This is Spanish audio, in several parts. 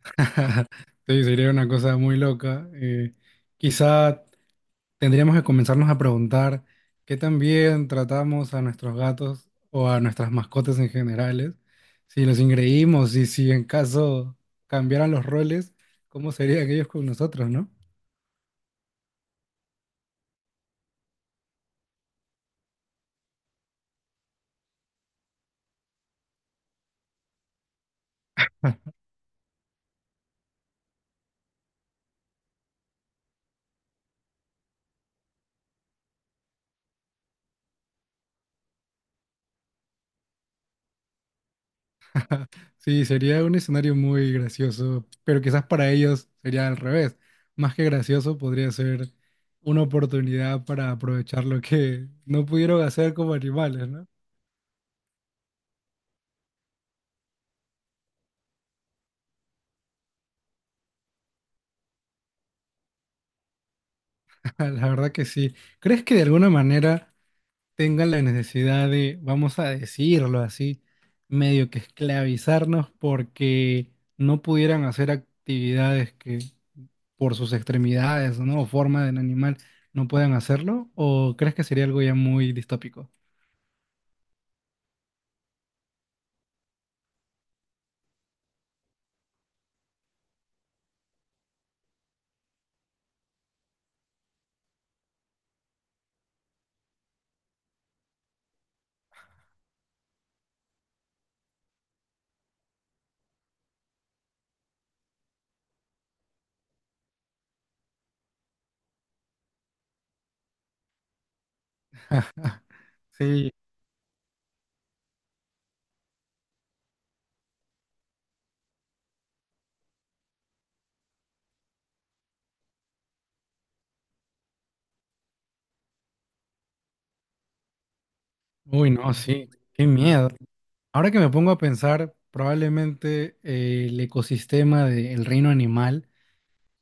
Sí, sería una cosa muy loca. Quizá tendríamos que comenzarnos a preguntar qué tan bien tratamos a nuestros gatos o a nuestras mascotas en generales, si los ingreímos y si en caso cambiaran los roles, cómo serían ellos con nosotros, ¿no? Sí, sería un escenario muy gracioso, pero quizás para ellos sería al revés. Más que gracioso, podría ser una oportunidad para aprovechar lo que no pudieron hacer como animales, ¿no? Ah, la verdad que sí. ¿Crees que de alguna manera tengan la necesidad de, vamos a decirlo así, medio que esclavizarnos porque no pudieran hacer actividades que por sus extremidades, ¿no? O forma del animal no puedan hacerlo? ¿O crees que sería algo ya muy distópico? Sí, uy, no, sí, qué miedo. Ahora que me pongo a pensar, probablemente el ecosistema del reino animal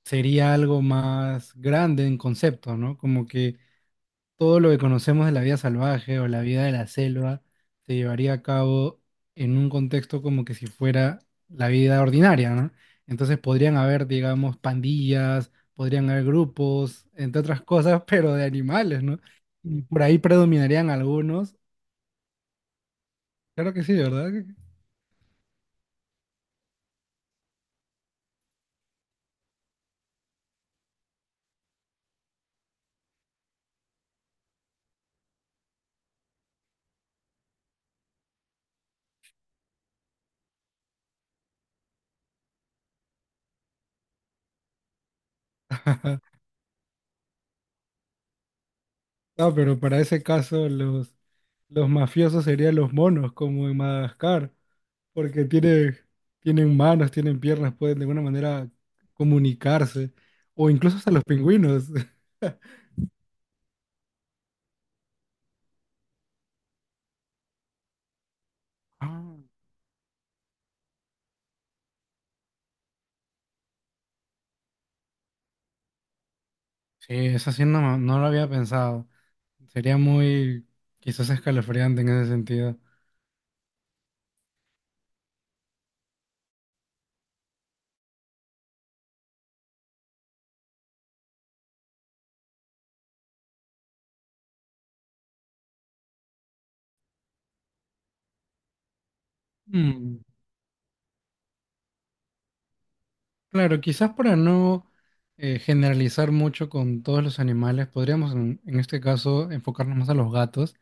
sería algo más grande en concepto, ¿no? Como que todo lo que conocemos de la vida salvaje o la vida de la selva se llevaría a cabo en un contexto como que si fuera la vida ordinaria, ¿no? Entonces podrían haber, digamos, pandillas, podrían haber grupos, entre otras cosas, pero de animales, ¿no? Y por ahí predominarían algunos. Claro que sí, ¿verdad? No, pero para ese caso los mafiosos serían los monos, como en Madagascar, porque tienen, tienen manos, tienen piernas, pueden de alguna manera comunicarse, o incluso hasta los pingüinos. Ah, sí, eso sí no lo había pensado. Sería muy quizás escalofriante en ese sentido. Mm, claro, quizás para no generalizar mucho con todos los animales, podríamos en este caso enfocarnos más a los gatos.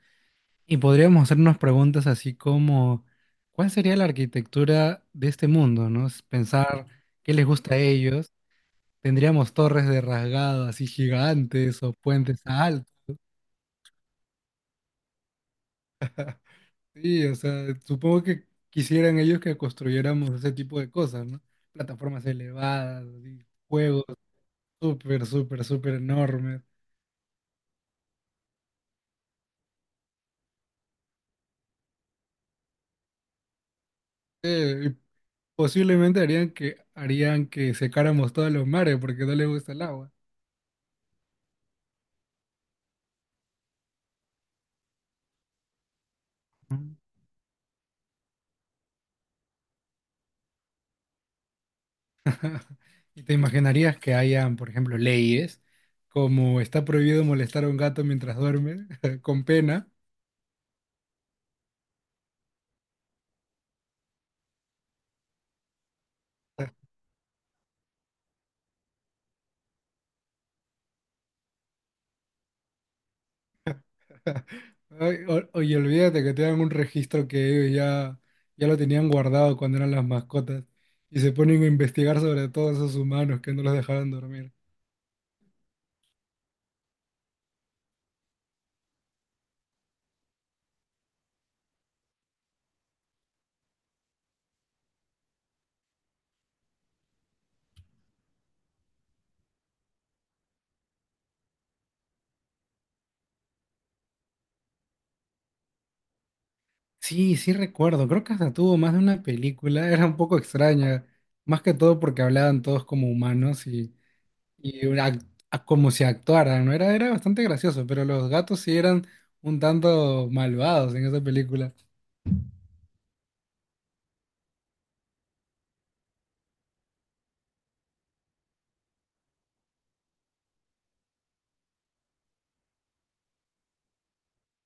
Y podríamos hacernos preguntas así como, ¿cuál sería la arquitectura de este mundo, no? Es pensar qué les gusta a ellos. Tendríamos torres de rasgado así gigantes o puentes altos. Sí, o sea, supongo que quisieran ellos que construyéramos ese tipo de cosas, ¿no? Plataformas elevadas, así, juegos súper, súper, súper enormes. Y posiblemente harían que secáramos todos los mares porque no les gusta el agua. ¿Y te imaginarías que hayan, por ejemplo, leyes como está prohibido molestar a un gato mientras duerme, con pena? Ay, oye, olvídate que tengan un registro que ya lo tenían guardado cuando eran las mascotas y se ponen a investigar sobre todos esos humanos que no los dejaron dormir. Sí, sí recuerdo, creo que hasta tuvo más de una película, era un poco extraña, más que todo porque hablaban todos como humanos. Y una como si actuaran, ¿no? Era bastante gracioso, pero los gatos sí eran un tanto malvados en esa película.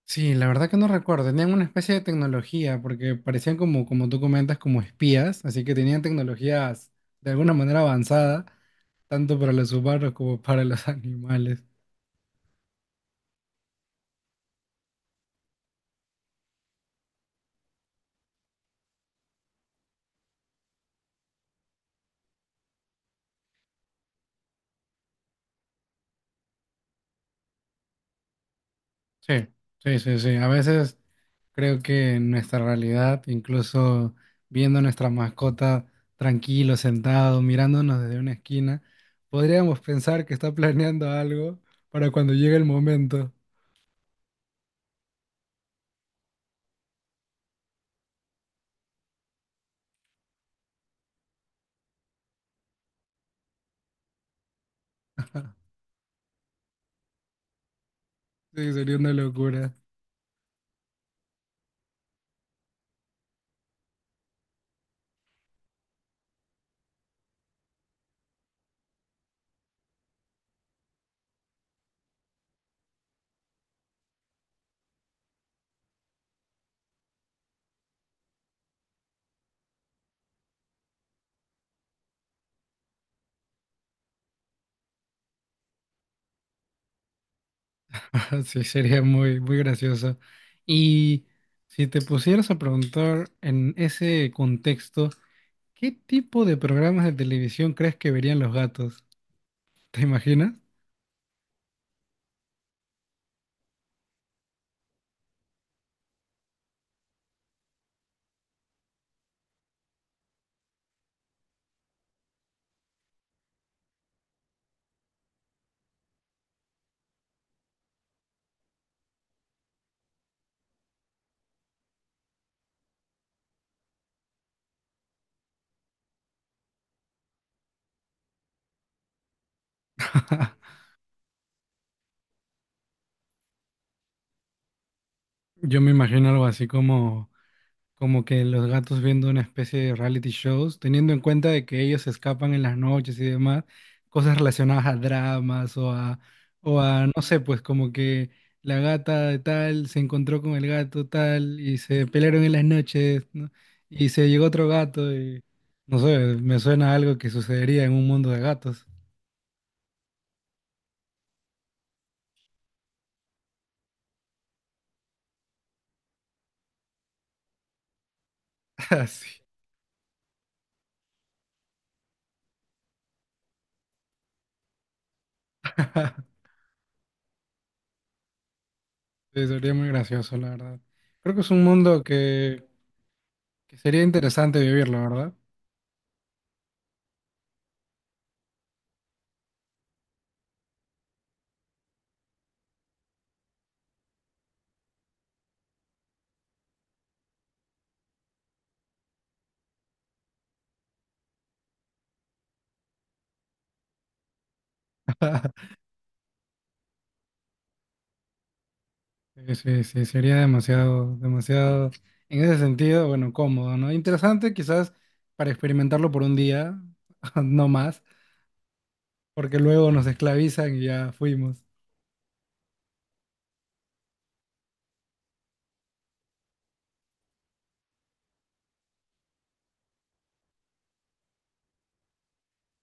Sí, la verdad que no recuerdo. Tenían una especie de tecnología, porque parecían como, como tú comentas, como espías, así que tenían tecnologías de alguna manera avanzada, tanto para los humanos como para los animales. Sí, sí, sí. A veces creo que en nuestra realidad, incluso viendo a nuestra mascota tranquilo, sentado, mirándonos desde una esquina, podríamos pensar que está planeando algo para cuando llegue el momento. Sí, sería una locura. Sí, sería muy, muy gracioso. Y si te pusieras a preguntar en ese contexto, ¿qué tipo de programas de televisión crees que verían los gatos? ¿Te imaginas? Yo me imagino algo así como, como que los gatos viendo una especie de reality shows, teniendo en cuenta de que ellos se escapan en las noches y demás, cosas relacionadas a dramas o a, no sé, pues como que la gata de tal se encontró con el gato tal y se pelearon en las noches, ¿no? Y se llegó otro gato y, no sé, me suena a algo que sucedería en un mundo de gatos. Así. Sí, sería muy gracioso, la verdad. Creo que es un mundo que sería interesante vivirlo, ¿verdad? Sí, sí, sí, sería demasiado, demasiado, en ese sentido, bueno, cómodo, ¿no? Interesante quizás para experimentarlo por un día, no más, porque luego nos esclavizan y ya fuimos.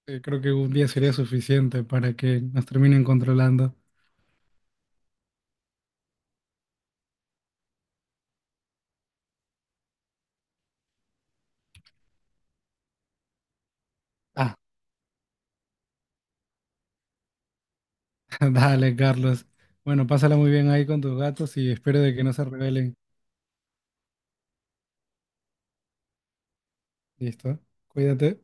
Creo que un día sería suficiente para que nos terminen controlando. Ah, dale, Carlos. Bueno, pásala muy bien ahí con tus gatos y espero de que no se rebelen. Listo. Cuídate.